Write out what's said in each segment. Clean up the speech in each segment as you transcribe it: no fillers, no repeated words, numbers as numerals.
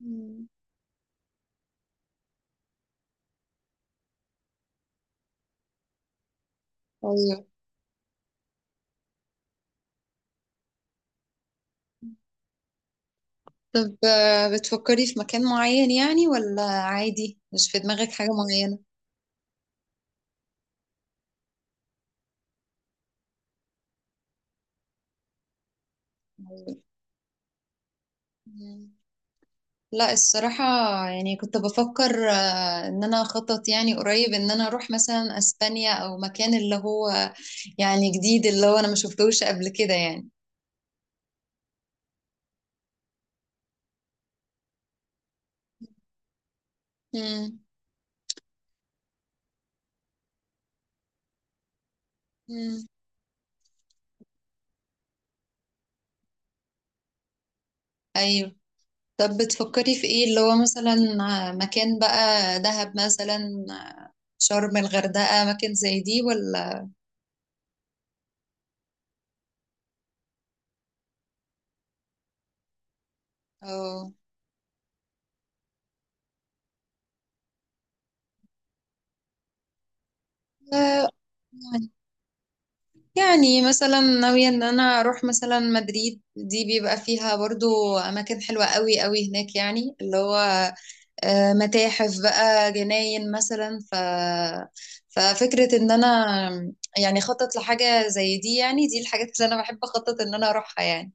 مم. ايوه. طب بتفكري في مكان معين، يعني، ولا عادي مش في دماغك حاجة معينة؟ أيوة. مم. لا الصراحة، يعني كنت بفكر ان انا اخطط، يعني، قريب ان انا اروح مثلا اسبانيا او مكان اللي هو يعني جديد، اللي هو انا ما شفتهوش قبل كده يعني. مم. مم. ايوه. طب بتفكري في ايه، اللي هو مثلا مكان بقى، دهب مثلا، آه، شرم، الغردقة، مكان زي دي ولا؟ اه آه، يعني يعني مثلا ناوية ان انا اروح مثلا مدريد، دي بيبقى فيها برضو اماكن حلوة قوي قوي هناك، يعني اللي هو متاحف بقى، جناين مثلا. ففكرة ان انا يعني خطط لحاجة زي دي، يعني دي الحاجات اللي انا بحب اخطط ان انا اروحها يعني.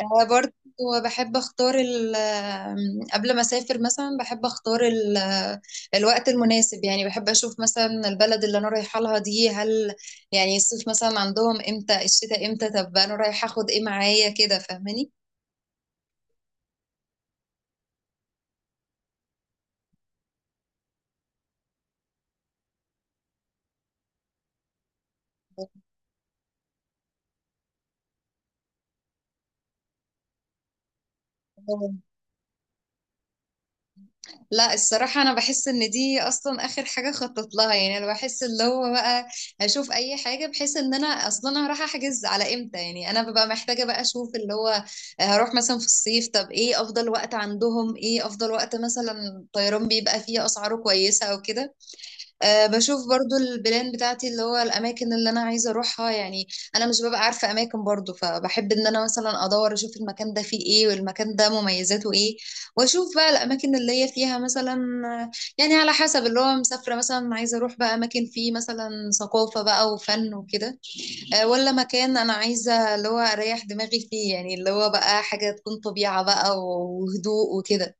برضو بحب اختار ال- آم، قبل ما اسافر مثلا بحب اختار الوقت المناسب، يعني بحب اشوف مثلا البلد اللي انا رايحه لها دي، هل يعني الصيف مثلا عندهم امتى، الشتاء امتى، طب انا رايحه اخد ايه معايا كده، فاهماني؟ لا الصراحة أنا بحس إن دي أصلا آخر حاجة خطط لها، يعني أنا بحس اللي هو بقى هشوف أي حاجة، بحيث إن أنا أصلا هروح أحجز على إمتى، يعني أنا ببقى محتاجة بقى أشوف اللي هو هروح مثلا في الصيف، طب إيه أفضل وقت عندهم، إيه أفضل وقت مثلا الطيران بيبقى فيه أسعاره كويسة، أو كده. أه بشوف برضو البلان بتاعتي، اللي هو الأماكن اللي أنا عايزة أروحها يعني. أنا مش ببقى عارفة أماكن برضو، فبحب إن أنا مثلا أدور أشوف المكان ده فيه إيه، والمكان ده مميزاته إيه، وأشوف بقى الأماكن اللي هي فيها مثلا آه، يعني على حسب اللي هو مسافرة، مثلا عايزة أروح بقى أماكن فيه مثلا ثقافة بقى وفن وكده. أه، ولا مكان أنا عايزة اللي هو أريح دماغي فيه، يعني اللي هو بقى حاجة تكون طبيعة بقى وهدوء وكده.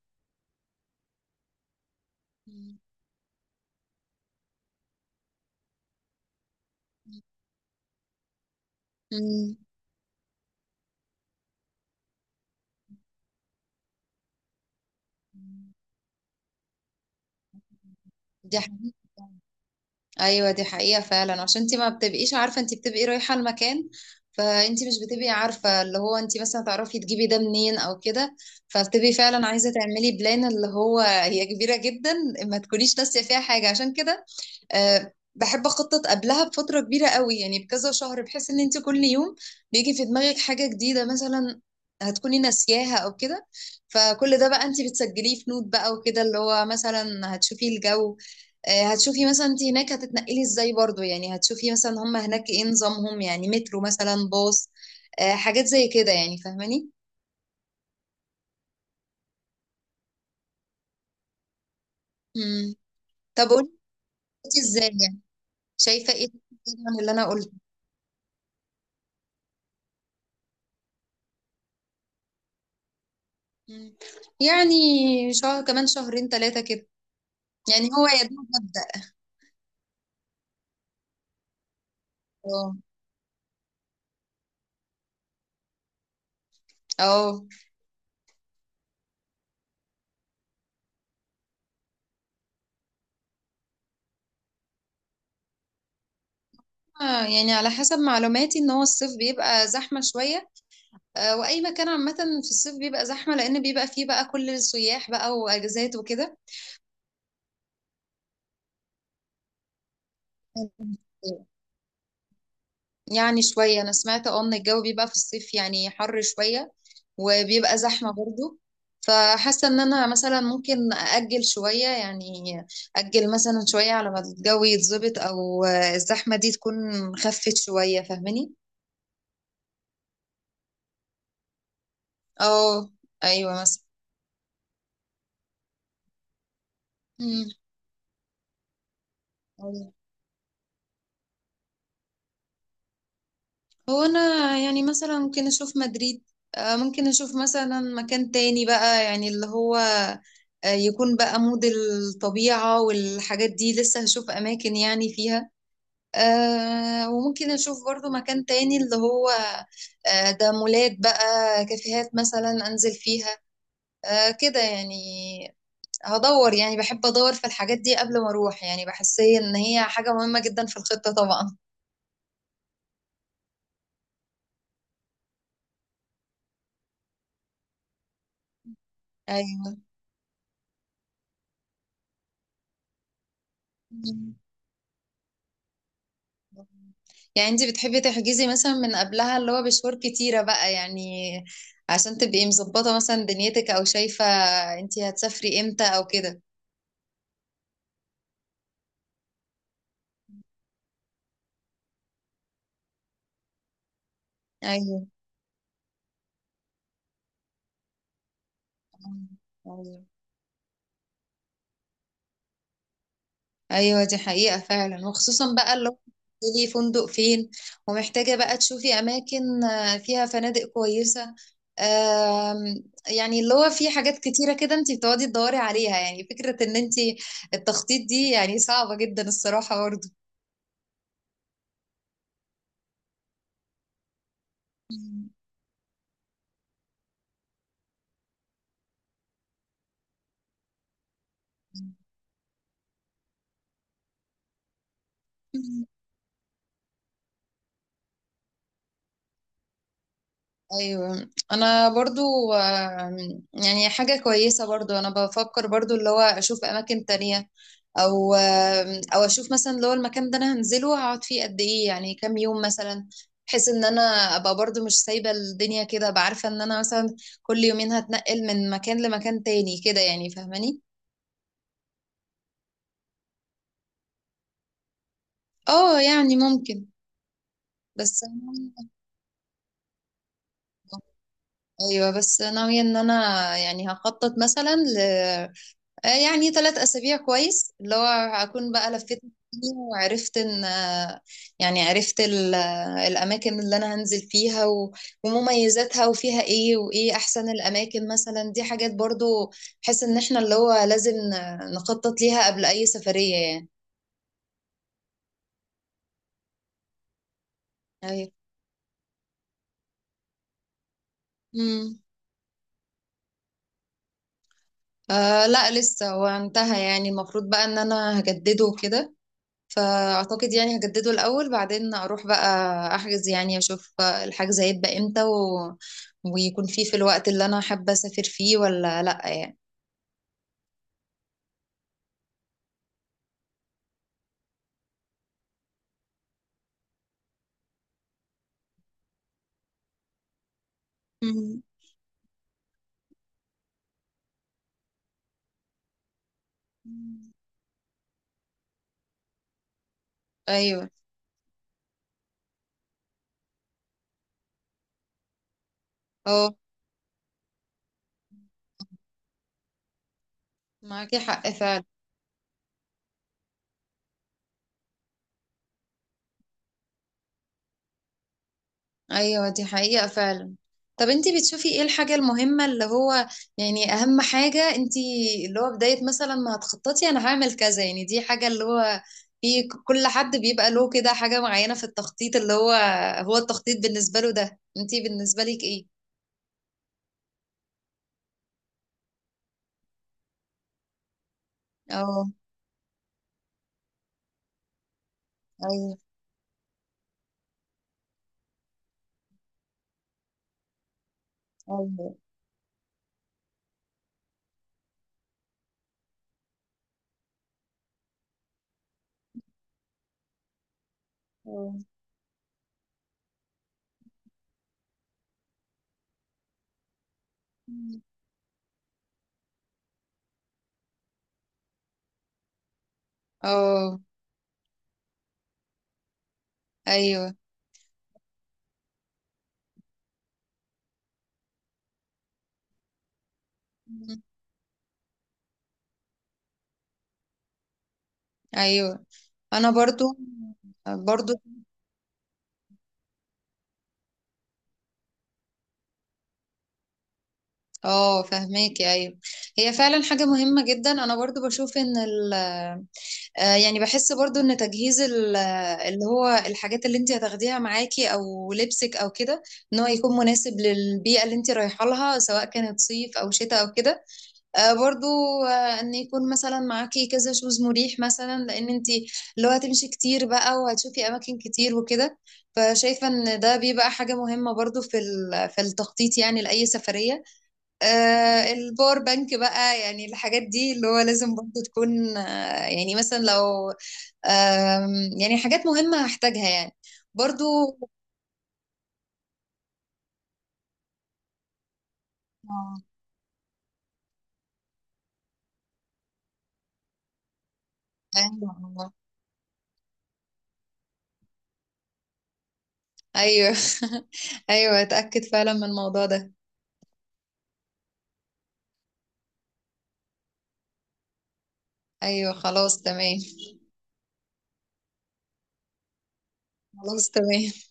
مم. دي حاجة. ايوه دي حقيقة فعلا، عشان انت ما بتبقيش عارفة انت بتبقي رايحة المكان، فانت مش بتبقي عارفة اللي هو انت مثلا تعرفي تجيبي ده منين او كده، فبتبقي فعلا عايزة تعملي بلان اللي هو هي كبيرة جدا، ما تكونيش ناسية فيها حاجة. عشان كده أه بحب اخطط قبلها بفتره كبيره قوي، يعني بكذا شهر، بحيث ان انت كل يوم بيجي في دماغك حاجه جديده مثلا هتكوني ناسياها او كده، فكل ده بقى انت بتسجليه في نوت بقى وكده، اللي هو مثلا هتشوفي الجو. أه هتشوفي مثلا انت هناك هتتنقلي ازاي، برضو يعني هتشوفي مثلا هم هناك ايه نظامهم، يعني مترو مثلا، باص. أه حاجات زي كده، يعني فاهماني؟ مم. طب قولي انت ازاي يعني، شايفه ايه من اللي انا قلته. مم. يعني شهر، كمان شهرين ثلاثه كده، يعني هو يا دوب مبدأ. اه. اه. يعني على حسب معلوماتي ان هو الصيف بيبقى زحمة شوية، واي مكان عامة في الصيف بيبقى زحمة، لان بيبقى فيه بقى كل السياح بقى واجازات وكده. يعني شوية، انا سمعت ان الجو بيبقى في الصيف يعني حر شوية، وبيبقى زحمة برضو، فحاسة ان انا مثلا ممكن اجل شوية يعني، اجل مثلا شوية على ما الجو يتظبط او الزحمة دي تكون خفت شوية. فاهماني؟ اه. ايوه مثلا. مم. أيوة. هو انا يعني مثلا ممكن اشوف مدريد، ممكن اشوف مثلا مكان تاني بقى، يعني اللي هو يكون بقى مود الطبيعة والحاجات دي، لسه هشوف اماكن يعني فيها وممكن اشوف برضو مكان تاني اللي هو ده مولات بقى، كافيهات مثلا انزل فيها، كده يعني. هدور، يعني بحب ادور في الحاجات دي قبل ما اروح، يعني بحس ان هي حاجة مهمة جدا في الخطة طبعا. ايوه. مم. يعني انت بتحبي تحجزي مثلا من قبلها اللي هو بشهور كتيرة بقى، يعني عشان تبقي مظبطة مثلا دنيتك، او شايفة انت هتسافري امتى او كده. ايوه. ايوه. ايوه دي حقيقة فعلا، وخصوصا بقى اللي هو بتنزلي فندق فين، ومحتاجة بقى تشوفي اماكن فيها فنادق كويسة. يعني اللي هو في حاجات كتيرة كده انت بتقعدي تدوري عليها، يعني فكرة ان انت التخطيط دي يعني صعبة جدا الصراحة برضه. ايوه انا برضو يعني حاجه كويسه، برضو انا بفكر برضو اللي هو اشوف اماكن تانية، او او اشوف مثلا اللي هو المكان ده انا هنزله هقعد فيه قد ايه، يعني كام يوم مثلا، بحيث ان انا ابقى برضو مش سايبه الدنيا كده، ابقى عارفه ان انا مثلا كل يومين هتنقل من مكان لمكان تاني كده، يعني فاهماني؟ اه يعني ممكن. بس أنا- ايوه بس ناويه ان انا يعني هخطط مثلا يعني 3 أسابيع كويس، اللي هو هكون بقى لفيت الدنيا وعرفت إن يعني عرفت الأماكن اللي أنا هنزل فيها ومميزاتها وفيها إيه وإيه أحسن الأماكن مثلا، دي حاجات برضو بحيث إن إحنا اللي هو لازم نخطط ليها قبل أي سفرية يعني. أيوة. مم. آه لا لسه هو انتهى، يعني المفروض بقى إن أنا هجدده كده، فاعتقد يعني هجدده الاول، بعدين اروح بقى احجز، يعني اشوف الحجز هيبقى امتى ويكون فيه في الوقت اللي انا حابه اسافر فيه ولا لا يعني. مم. ايوه. اه معاكي حق فعلا. ايوه دي حقيقة فعلا. طب انتي بتشوفي ايه الحاجة المهمة، اللي هو يعني اهم حاجة انتي، اللي هو بداية مثلا ما هتخططي انا هعمل كذا، يعني دي حاجة اللي هو في كل حد بيبقى له كده حاجة معينة في التخطيط، اللي هو هو التخطيط بالنسبة له ده، انتي بالنسبة لك ايه؟ اه. ايوه. ايوه. اه. اه. ايوه. ايوه انا برضو. برضو. اه فهماكي. ايوه هي فعلا حاجه مهمه جدا، انا برضو بشوف ان ال يعني بحس برضو ان تجهيز اللي هو الحاجات اللي انت هتاخديها معاكي او لبسك او كده، ان هو يكون مناسب للبيئه اللي انت رايحه لها، سواء كانت صيف او شتاء او كده. برضو ان يكون مثلا معاكي كذا شوز مريح مثلا، لان انت اللي هو هتمشي كتير بقى وهتشوفي اماكن كتير وكده، فشايفه ان ده بيبقى حاجه مهمه برضو في في التخطيط، يعني لاي سفريه. آه الباور بانك بقى، يعني الحاجات دي اللي هو لازم برضو تكون آه، يعني مثلا لو يعني حاجات مهمة هحتاجها يعني. برضو. آه، ايوه. آه، ايوه. ايوه اتأكد فعلا من الموضوع ده. ايوه خلاص تمام. خلاص تمام.